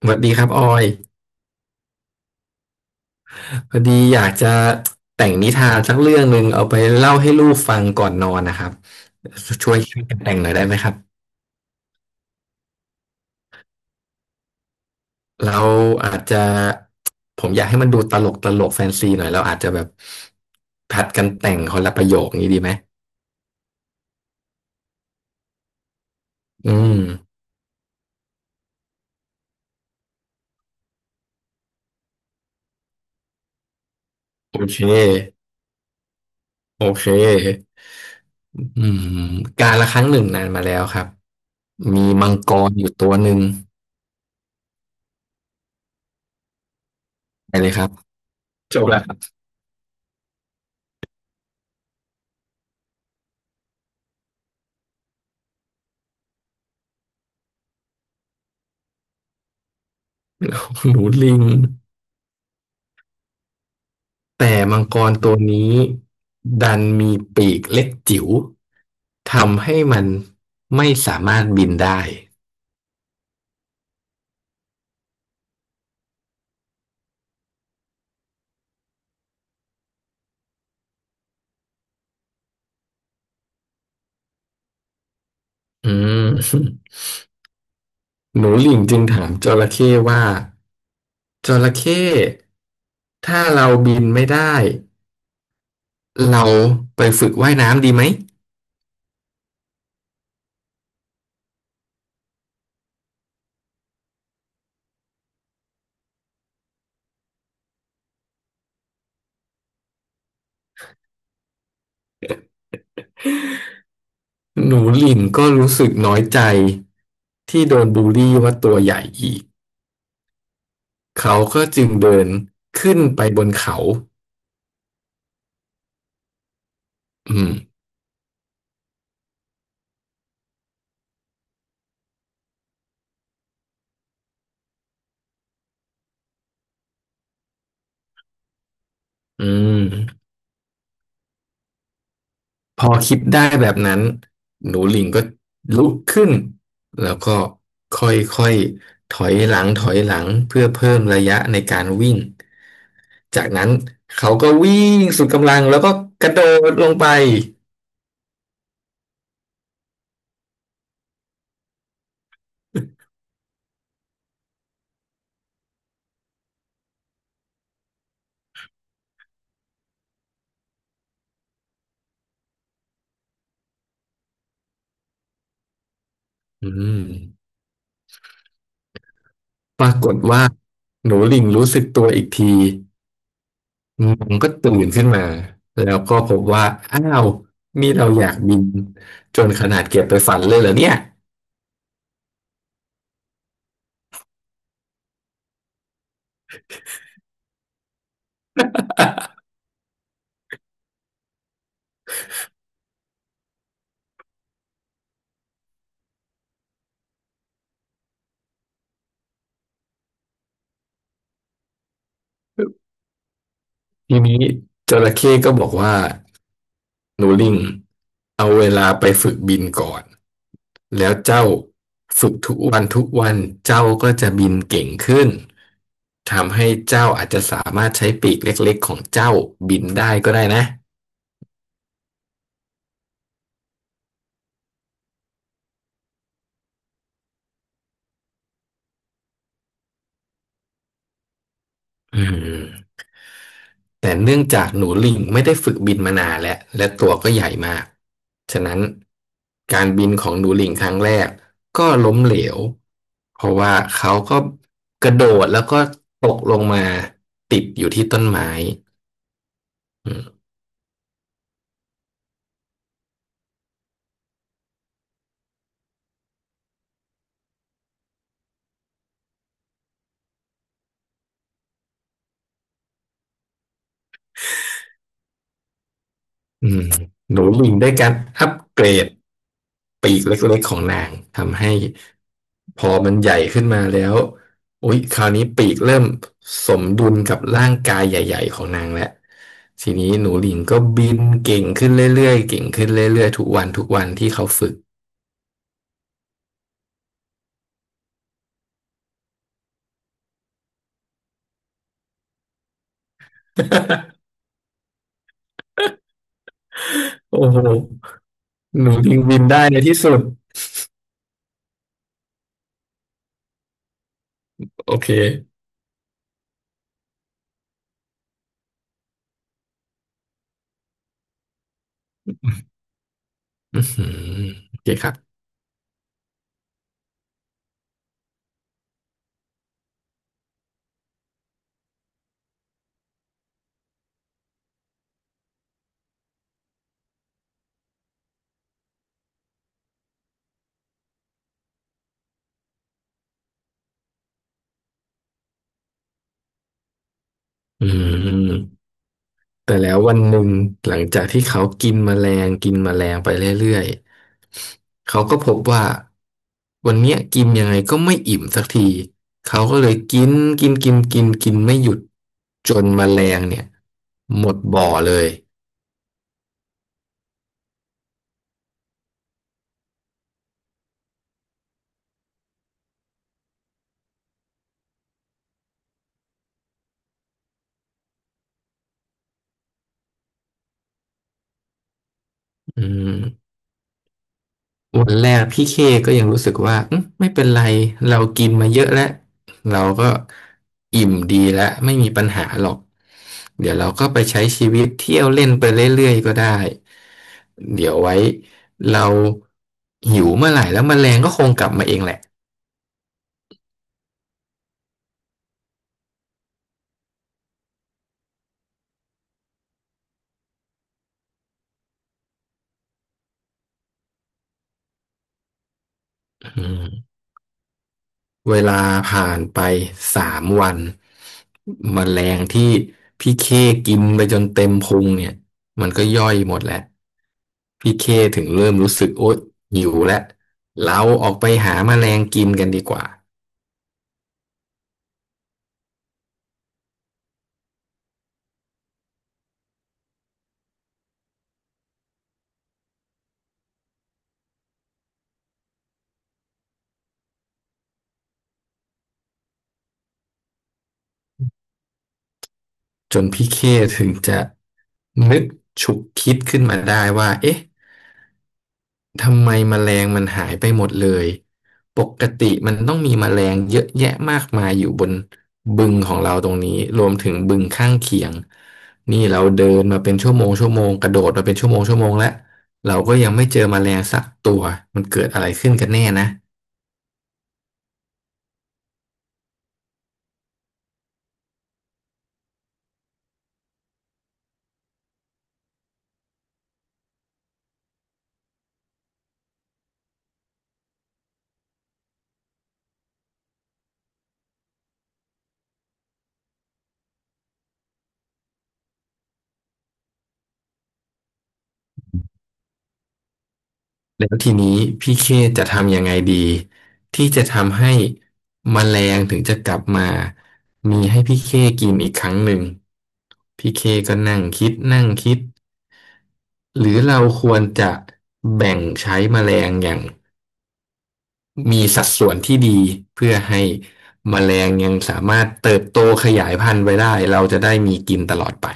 สวัสดีครับออยพอดีอยากจะแต่งนิทานสักเรื่องหนึ่งเอาไปเล่าให้ลูกฟังก่อนนอนนะครับช่วยกันแต่งหน่อยได้ไหมครับเราอาจจะผมอยากให้มันดูตลกตลกแฟนซีหน่อยเราอาจจะแบบผัดกันแต่งคนละประโยคนี้ดีไหมอืมโอเคโอเคอืมการละครั้งหนึ่งนานมาแล้วครับมีมังกรอยู่ตัวหนึ่งไปเลยครับจบแล้วครับ หนูลิง แต่มังกรตัวนี้ดันมีปีกเล็กจิ๋วทำให้มันไม่สามารถบินได้อืม หนูหลิงจึงถามจระเข้ว่าจระเข้ถ้าเราบินไม่ได้เราไปฝึกว่ายน้ำดีไหมหนูหลิงก็รู้สึกน้อยใจที่โดนบูลลี่ว่าตัวใหญ่อีกเขาก็จึงเดินขึ้นไปบนเขาอืมอืม พอคิดได้แบบนั้นหนูลิงก็ลุกขึ้นแล้วก็ค่อยๆถอยหลังเพื่อเพิ่มระยะในการวิ่งจากนั้นเขาก็วิ่งสุดกำลังแล้วก็กระโดดลงไปอืมปรากฏว่าหนูลิงรู้สึกตัวอีกทีมันก็ตื่นขึ้นมาแล้วก็พบว่าอ้าวนี่เราอยากบินจนขนาดเก็บไปฝันเลยเหรอเนี่ยทีนี้จระเข้ก็บอกว่า นูริ่งเอาเวลาไปฝึกบินก่อน แล้วเจ้าฝึกทุกวัน เจ้าก็จะบินเก่งขึ้น ทำให้เจ้าอาจจะสามารถใช้ปีกเล็กๆของเจ้าบินได้ก็ได้นะอืมแต่เนื่องจากหนูลิงไม่ได้ฝึกบินมานานแล้วและตัวก็ใหญ่มาก ฉะนั้นการบินของหนูลิงครั้งแรกก็ล้มเหลว เพราะว่าเขาก็กระโดดแล้วก็ตกลงมาติดอยู่ที่ต้นไม้อืม อืมหนูบินได้การอัปเกรดปีกเล็กๆของนางทำให้พอมันใหญ่ขึ้นมาแล้วอุ๊ยคราวนี้ปีกเริ่มสมดุลกับร่างกายใหญ่ๆของนางแล้วทีนี้หนูหลิงก็บินเก่งขึ้นเรื่อยๆเก่งขึ้นเรื่อยๆทุกวันที่เขาฝึก โอ้โหหนูหลิงบินได้ในที่สุดโอเคอือหือโอเคครับอืม แต่แล้ววันหนึ่งหลังจากที่เขากินแมลงไปเรื่อยๆเขาก็พบว่าวันเนี้ยกินยังไงก็ไม่อิ่มสักทีเขาก็เลยกินกินกินกินกินไม่หยุดจนแมลงเนี่ยหมดบ่อเลยอืม วันแรกพี่เคก็ยังรู้สึกว่าอืมไม่เป็นไรเรากินมาเยอะแล้วเราก็อิ่มดีแล้วไม่มีปัญหาหรอกเดี๋ยวเราก็ไปใช้ชีวิตเที่ยวเล่นไปเรื่อยๆก็ได้เดี๋ยวไว้เราหิวเมื่อไหร่แล้วแมลงก็คงกลับมาเองแหละอืม เวลาผ่านไป3 วันแมลงที่พี่เคกินไปจนเต็มพุงเนี่ยมันก็ย่อยหมดแล้วพี่เคถึงเริ่มรู้สึกโอ๊ยหิวแล้วเราออกไปหาแมลงกินกันดีกว่าจนพี่เคถึงจะนึกฉุกคิดขึ้นมาได้ว่าเอ๊ะ ทำไมแมลงมันหายไปหมดเลยปกติมันต้องมีแมลงเยอะแยะมากมายอยู่บนบึงของเราตรงนี้รวมถึงบึงข้างเคียงนี่เราเดินมาเป็นชั่วโมงกระโดดมาเป็นชั่วโมงแล้วเราก็ยังไม่เจอแมลงสักตัวมันเกิดอะไรขึ้นกันแน่นะแล้วทีนี้พี่เคจะทำยังไงดีที่จะทำให้แมลงถึงจะกลับมามีให้พี่เคกินอีกครั้งหนึ่งพี่เคก็นั่งคิด หรือเราควรจะแบ่งใช้แมลงอย่างมีสัดส่วนที่ดีเพื่อให้แมลงยังสามารถเติบโตขยายพันธุ์ไปได้เราจะได้มีกินตลอดไป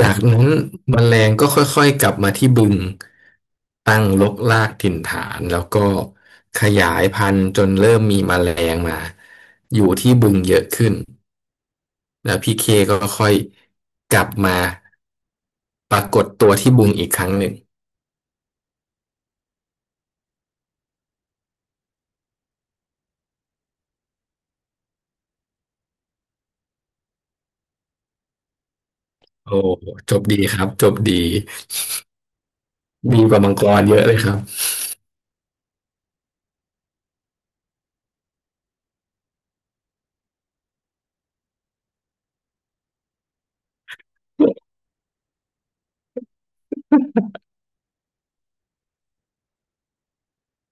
จากนั้นแมลงก็ค่อยๆกลับมาที่บึงตั้งรกรากถิ่นฐานแล้วก็ขยายพันธุ์จนเริ่มมีแมลงมาอยู่ที่บึงเยอะขึ้นแล้วพี่เคก็ค่อยกลับมาปรากฏตัวที่บึงอีกครั้งหนึ่ง โอ้ จบดีครับ จบดีดีกว่ามังกรเยอะเลยครับ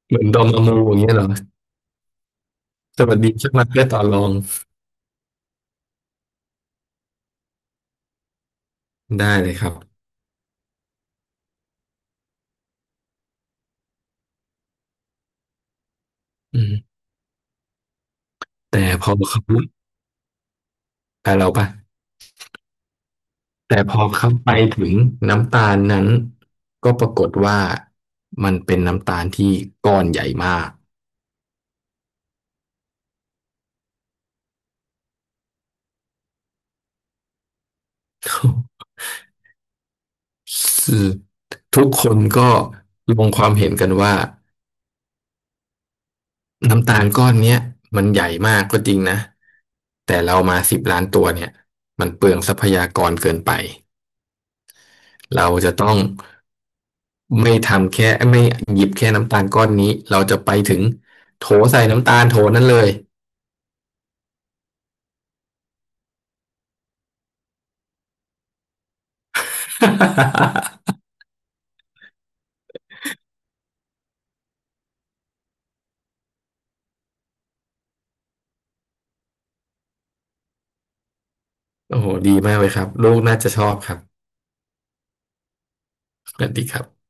เหมือนดอมอมูอย่างเงี้ยเหรอสวัสดีชักมาเพื่อต่อรองได้เลยครับอืมแต่พอเขาแต่เราปะแต่พอเขาไปถึงน้ำตาลนั้นก็ปรากฏว่ามันเป็นน้ำตาลที่ก้อนใหญ่มาก ทุกคนก็ลงความเห็นกันว่า น้ำตาลก้อนเนี้ยมันใหญ่มากก็จริงนะแต่เรามา10,000,000ตัวเนี่ยมันเปลืองทรัพยากรเกินไปเราจะต้องไม่ทำแค่ไม่หยิบแค่น้ำตาลก้อนนี้เราจะไปถึงโถใส่น้ำตาลโถนั้นเลย โอ้โหดีมากเลยครับลูกน่าจะชอบครับสวัสดีครับ